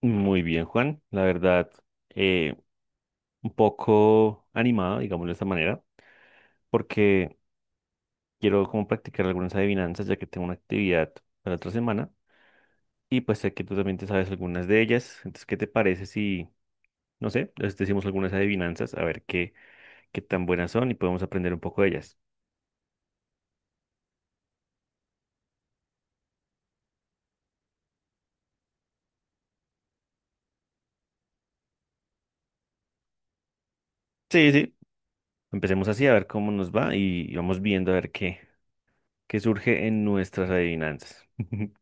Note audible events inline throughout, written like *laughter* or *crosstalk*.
Muy bien, Juan. La verdad, eh, un poco animado, digámoslo de esta manera, porque quiero como practicar algunas adivinanzas, ya que tengo una actividad para la otra semana. Y pues sé que tú también te sabes algunas de ellas. Entonces, ¿qué te parece si, no sé, les decimos algunas adivinanzas, a ver qué tan buenas son y podemos aprender un poco de ellas? Sí, sí. Empecemos así, a ver cómo nos va y vamos viendo a ver qué surge en nuestras adivinanzas. *laughs*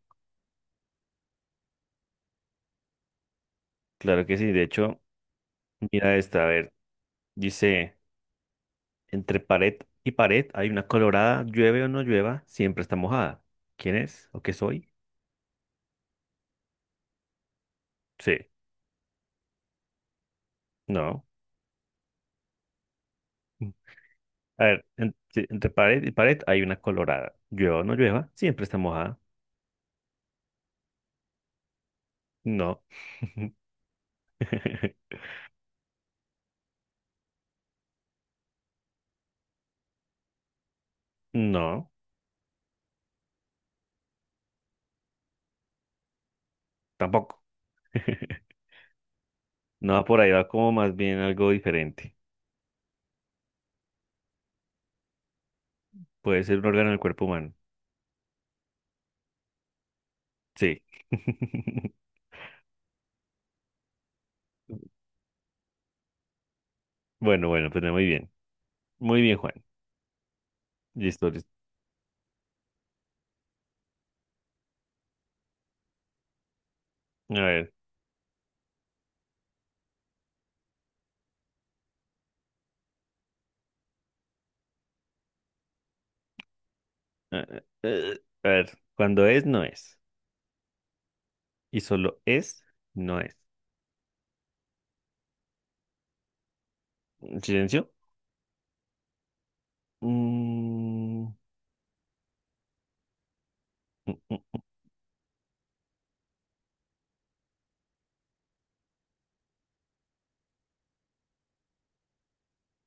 Claro que sí. De hecho, mira esta, a ver, dice. Entre pared y pared hay una colorada, llueve o no llueva, siempre está mojada. ¿Quién es? ¿O qué soy? Sí, no. Mm. A ver, sí, entre pared y pared hay una colorada, llueva o no llueva, siempre está mojada. No. *laughs* No, tampoco. *laughs* No, por ahí va como más bien algo diferente. Puede ser un órgano del cuerpo humano. Sí. *laughs* Bueno, bueno, pues muy bien. Muy bien, Juan. Listo, listo. A ver. A ver, cuando es, no es. Y solo es, no es. Silencio. Mm, mm, mm,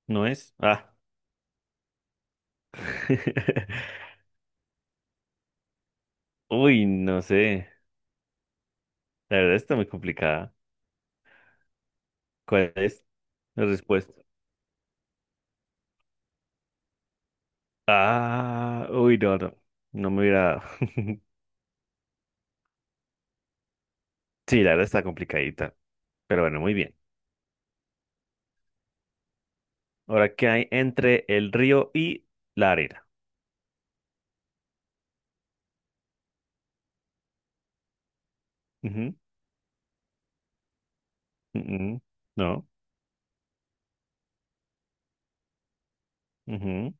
no es. Ah. *laughs* Uy, no sé. La verdad está muy complicada. ¿Cuál es la respuesta? Ah, uy, no, no. No me hubiera. Dado. *laughs* Sí, la verdad está complicadita. Pero bueno, muy bien. Ahora, ¿qué hay entre el río y la arena? Ujú, mm, no. Ujú,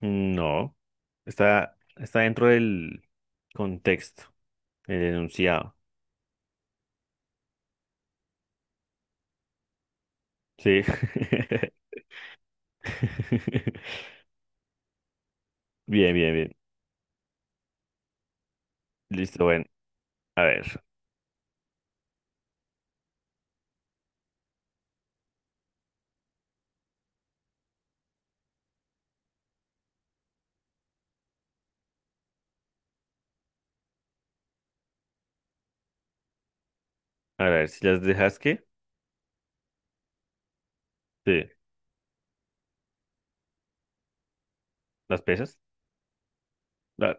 no. Está, está dentro del contexto, el enunciado. Sí. *laughs* Bien, bien, bien. Listo, bueno. A ver, a ver, si las dejas, ¿qué? Sí, las pesas. La-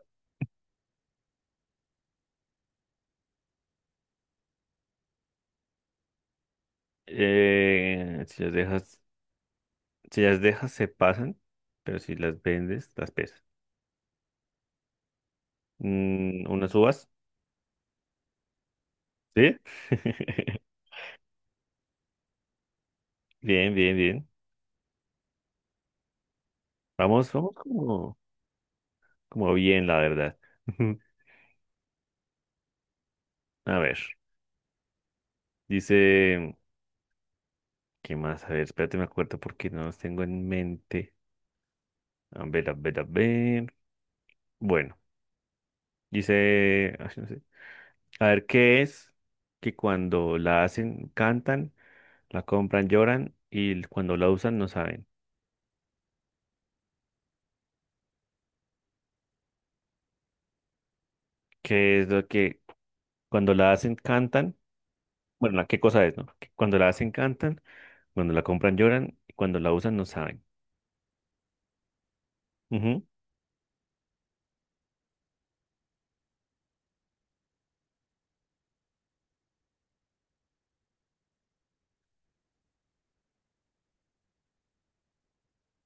si las dejas, se pasan, pero si las vendes, las pesas. Mm, unas uvas, ¿sí? *laughs* Bien, bien, bien. Vamos, vamos como, como bien, la verdad. *laughs* A ver, dice, ¿qué más? A ver, espérate, me acuerdo porque no los tengo en mente. A ver, a ver, a ver. Bueno. Dice, ay, no sé. A ver, ¿qué es que cuando la hacen, cantan, la compran, lloran y cuando la usan no saben? ¿Qué es lo que cuando la hacen, cantan? Bueno, ¿qué cosa es, no? Que cuando la hacen, cantan, cuando la compran, lloran y cuando la usan no saben. Ujú,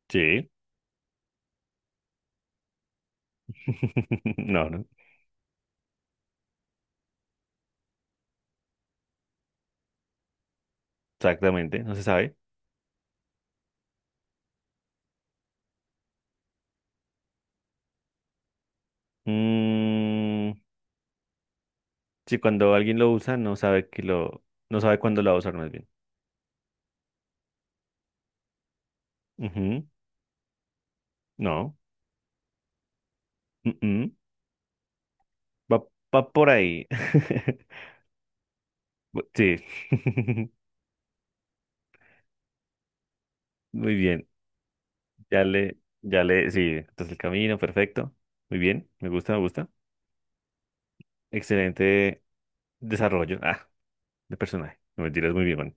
sí. *laughs* No, no, exactamente, no se sabe. Mm, sí, cuando alguien lo usa no sabe que no sabe cuándo lo va a usar más bien. Ujú, no. mm, mm. Va, va por ahí. *laughs* Sí. *laughs* Muy bien. Sí, entonces el camino, perfecto. Muy bien, me gusta, me gusta. Excelente desarrollo, ah, de personaje. No mentiras, muy bien, man.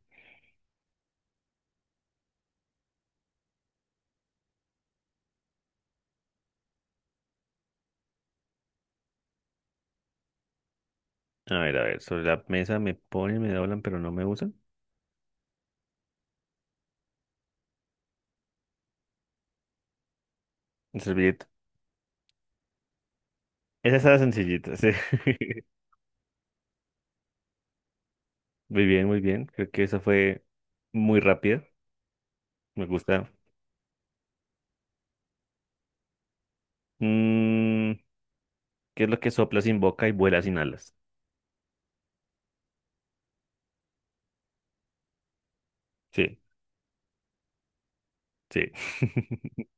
A ver, sobre la mesa me ponen, me doblan, pero no me usan. El servilleta. Esa estaba sencillita, sí. *laughs* Muy bien, muy bien. Creo que esa fue muy rápida. Me gusta. Mm, ¿qué es lo que sopla sin boca y vuela sin alas? Sí, sí. *laughs*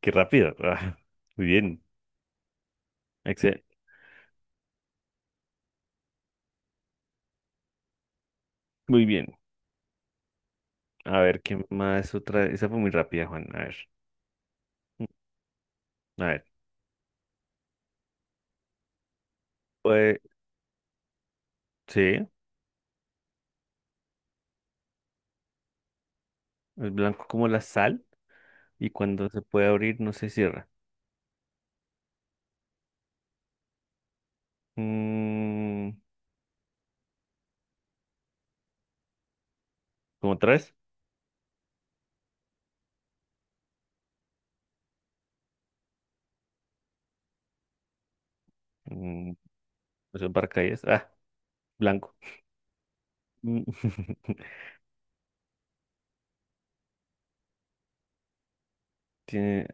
Qué rápido. *laughs* Ah, muy bien. Excel. Muy bien. A ver, ¿qué más otra? Esa fue muy rápida, Juan. A ver. Mm, a ver. Pues, sí, es blanco como la sal y cuando se puede abrir no se cierra. Mm, ¿cómo otra vez? Mm, eso es paracaídas. Ah, blanco. Mm, *laughs* ¿Tiene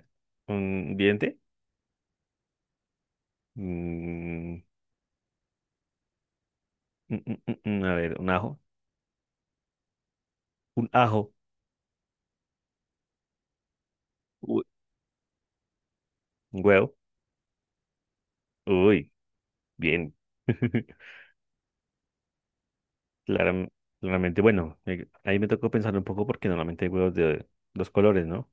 un diente? Mm, mm, mm, mm, a ver, un ajo. Un ajo. Uy, un huevo. Uy, bien. *laughs* Claram- claramente, bueno, ahí me tocó pensar un poco porque normalmente hay huevos de dos colores, ¿no?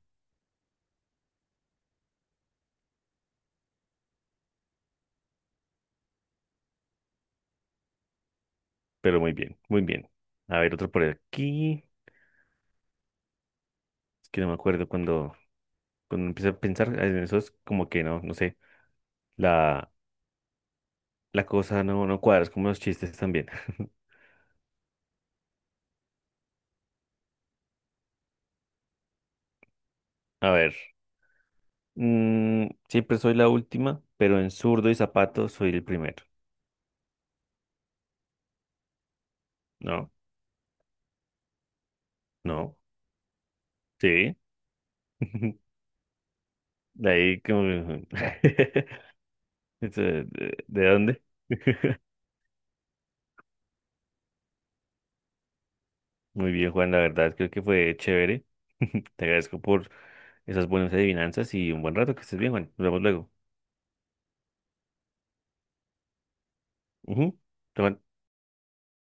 Pero muy bien, muy bien. A ver, otro por aquí. Es que no me acuerdo cuando empiezo a pensar en eso es como que no, no sé, la, la cosa no, no cuadra, es como los chistes también. *laughs* A ver, mm, siempre soy la última, pero en zurdo y zapato soy el primero. No, no, sí. *laughs* De ahí como... *laughs* Eso, ¿de dónde? *laughs* Muy bien, Juan, la verdad creo que fue chévere. *laughs* Te agradezco por esas buenas adivinanzas y un buen rato, que estés bien, Juan. Nos vemos luego. Ujú. Chao, Juan.